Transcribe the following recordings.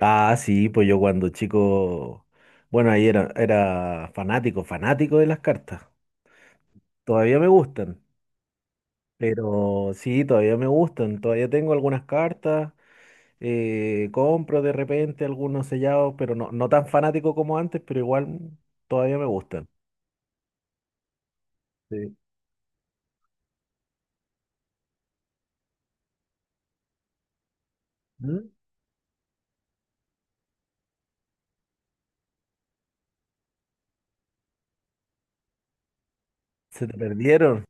Ah, sí, pues yo cuando chico, bueno, ahí era fanático, fanático de las cartas. Todavía me gustan, pero sí, todavía me gustan. Todavía tengo algunas cartas, compro de repente algunos sellados, pero no, no tan fanático como antes, pero igual todavía me gustan. Sí. ¿Mm? ¿Se te perdieron?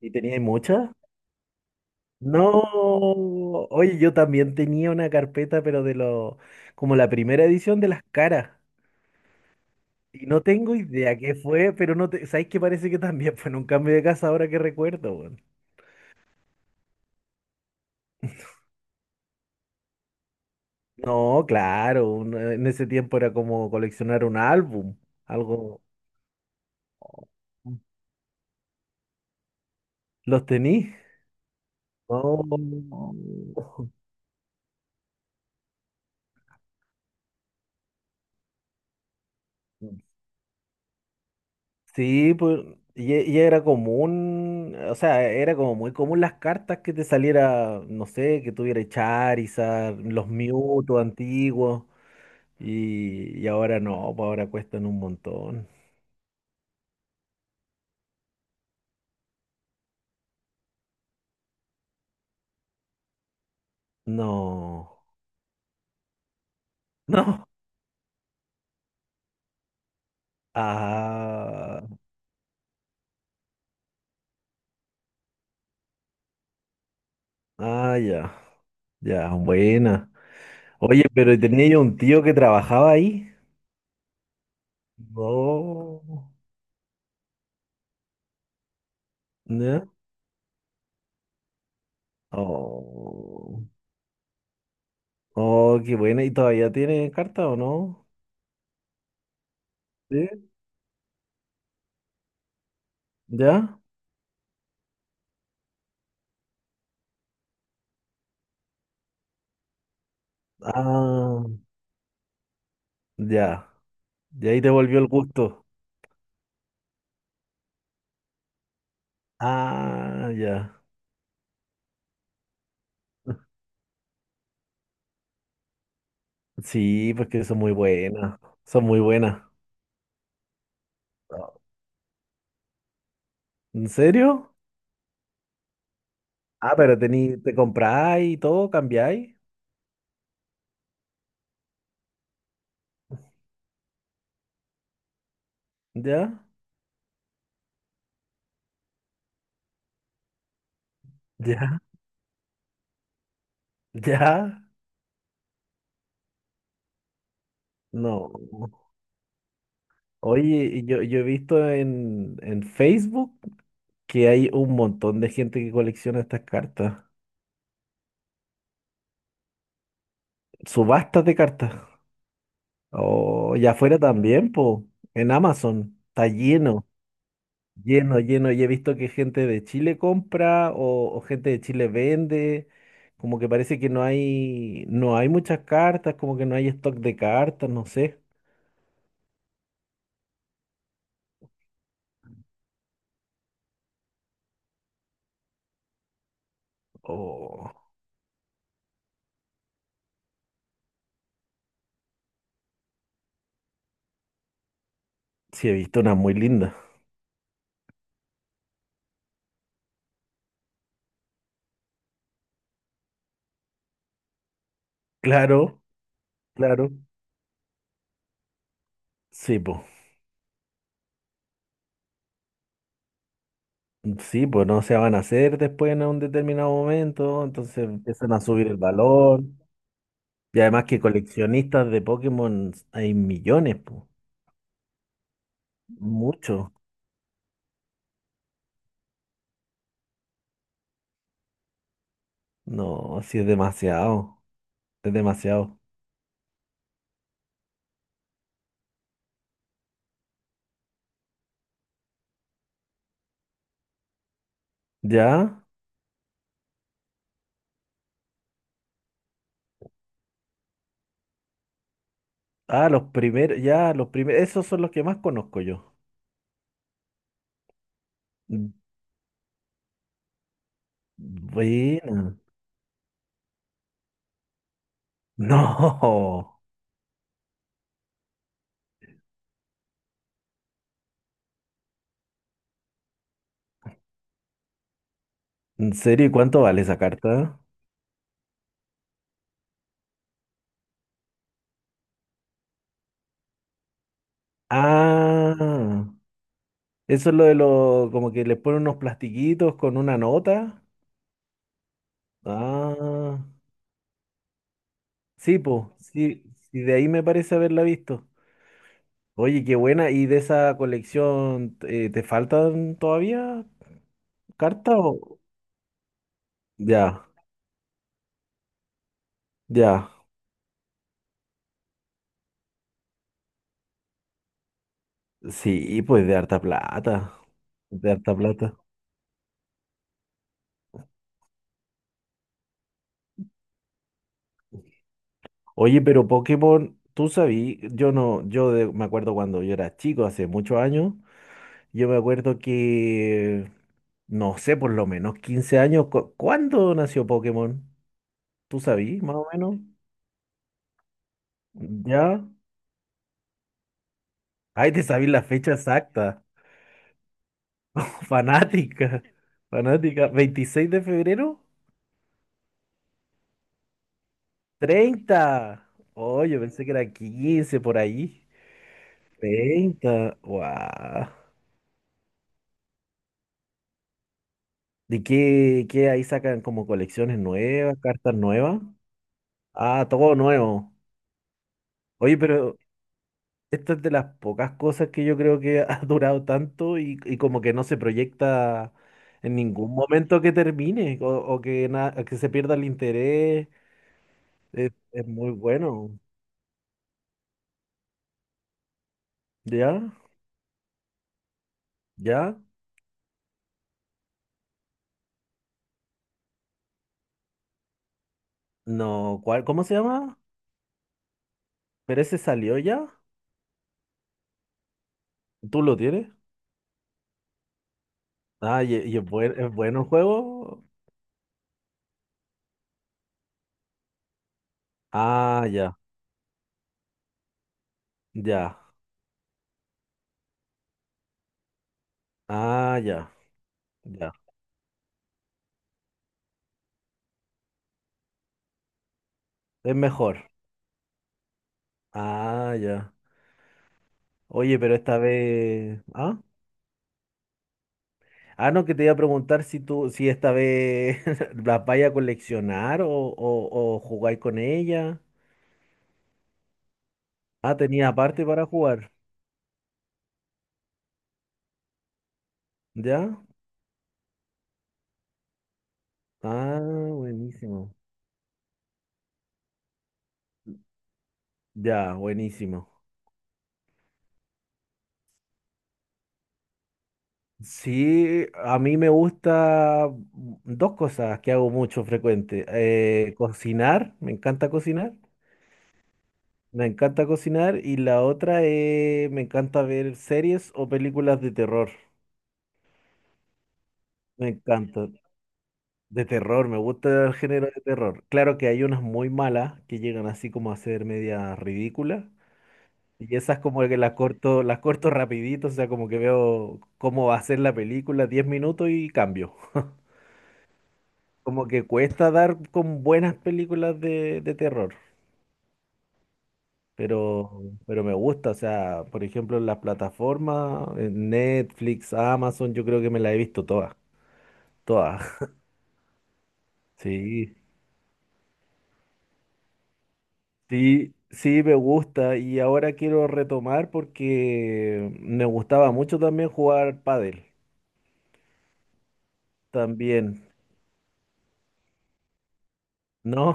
¿Y tenías muchas? No, oye, yo también tenía una carpeta, pero como la primera edición de las caras. Y no tengo idea qué fue, pero no te, ¿sabes qué? Parece que también fue en un cambio de casa ahora que recuerdo, weón. No, claro, en ese tiempo era como coleccionar un álbum, algo. ¿Los tení? No. Sí, pues, y era común, o sea, era como muy común las cartas que te saliera, no sé, que tuviera Charizard, los Mewtwo antiguos, y ahora no, pues ahora cuestan un montón. No, no. Ah, ah, ya, ya, buena. Oye, pero tenía yo un tío que trabajaba ahí. No, ¿ya? Oh, oh, qué buena. ¿Y todavía tiene carta o no? ¿Sí? ¿Ya? Ah, ya. Y ahí te volvió el gusto. Ah, ya. Sí, pues que son muy buenas. Son muy buenas. ¿En serio? Ah, pero tení, te compráis y todo, cambiáis. ¿Ya? ¿Ya? ¿Ya? No. Oye, yo he visto en Facebook que hay un montón de gente que colecciona estas cartas. Subastas de cartas. O ya afuera también, po. En Amazon. Está lleno, lleno, lleno. Y he visto que gente de Chile compra o gente de Chile vende. Como que parece que no hay muchas cartas, como que no hay stock de cartas, no sé. O sí, he visto una muy linda. Claro, claro. Sí, po. Sí, pues no se van a hacer después en un determinado momento, entonces empiezan a subir el valor. Y además que coleccionistas de Pokémon hay millones, pues. Mucho. No, sí es demasiado. Es demasiado. ¿Ya? Ah, los primeros, ya, los primeros, esos son los que más conozco yo. Mm. Buena. No. ¿En serio? ¿Y cuánto vale esa carta? Ah, eso es lo de los, como que les ponen unos plastiquitos con una nota. Ah, sí, pues, sí, sí, de ahí me parece haberla visto. Oye, qué buena. ¿Y de esa colección te faltan todavía cartas o...? Ya, ya. Sí, pues de harta plata. De harta plata. Oye, pero Pokémon, tú sabí, yo no, me acuerdo cuando yo era chico, hace muchos años, yo me acuerdo que, no sé, por lo menos 15 años, ¿cuándo nació Pokémon? ¿Tú sabí, más o menos? ¿Ya? Ay, te sabí la fecha exacta. Fanática. Fanática. ¿26 de febrero? 30. Oh, yo pensé que era 15 por ahí. 30, ¡Wow! ¿De qué ahí sacan como colecciones nuevas, cartas nuevas? Ah, todo nuevo. Oye, pero esta es de las pocas cosas que yo creo que ha durado tanto y como que no se proyecta en ningún momento que termine o que se pierda el interés. Es muy bueno. ¿Ya? ¿Ya? No, ¿cuál? ¿Cómo se llama? ¿Pero ese salió ya? ¿Tú lo tienes? Ah, y es bueno el juego. Ah, ya, ya. Ah, ya, ya. Es mejor. Ah, ya. Oye, pero esta vez. Ah, ah, no, que te iba a preguntar si esta vez las vaya a coleccionar o jugáis con ella. Ah, tenía aparte para jugar. ¿Ya? Ah, buenísimo. Ya, buenísimo. Sí, a mí me gusta dos cosas que hago mucho frecuente. Me encanta cocinar y la otra es, me encanta ver series o películas de terror. Me encanta. De terror, me gusta el género de terror. Claro que hay unas muy malas que llegan así como a ser media ridículas y esas como que las corto rapidito, o sea, como que veo cómo va a ser la película, 10 minutos y cambio. Como que cuesta dar con buenas películas de terror, pero, pero me gusta. O sea, por ejemplo, en las plataformas, en Netflix, Amazon, yo creo que me las he visto todas. Todas. Sí, sí, sí, me gusta. Y ahora quiero retomar porque me gustaba mucho también jugar pádel. También. No,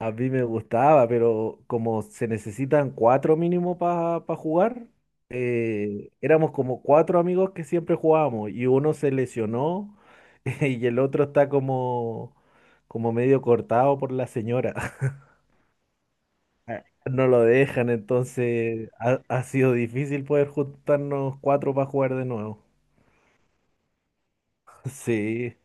a mí me gustaba, pero como se necesitan cuatro mínimo para jugar, éramos como cuatro amigos que siempre jugábamos y uno se lesionó y el otro está como medio cortado por la señora. No lo dejan, entonces ha sido difícil poder juntarnos cuatro para jugar de nuevo. Sí.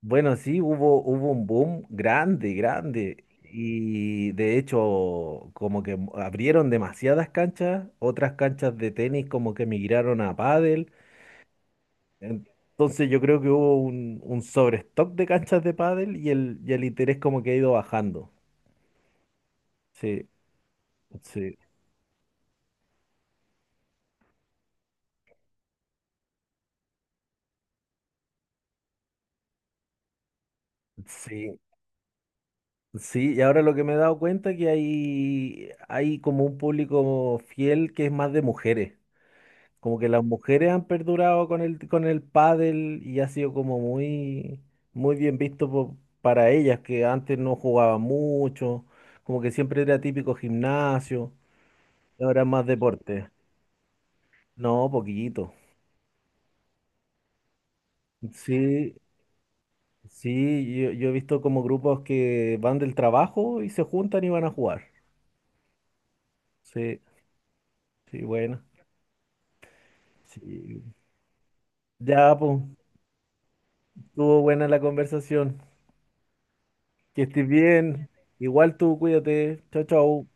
Bueno, sí, hubo un boom grande, grande. Y de hecho, como que abrieron demasiadas canchas, otras canchas de tenis como que migraron a pádel. Entonces yo creo que hubo un sobrestock de canchas de pádel y el interés como que ha ido bajando. Sí, sí, sí, sí. Y ahora lo que me he dado cuenta es que hay como un público fiel que es más de mujeres. Como que las mujeres han perdurado con el pádel y ha sido como muy, muy bien visto para ellas, que antes no jugaban mucho, como que siempre era típico gimnasio, y ahora es más deporte. No, poquito. Sí, sí, yo he visto como grupos que van del trabajo y se juntan y van a jugar. Sí, sí, bueno. Sí. Ya, pues, estuvo buena la conversación. Que estés bien. Igual tú, cuídate. Chao, chao.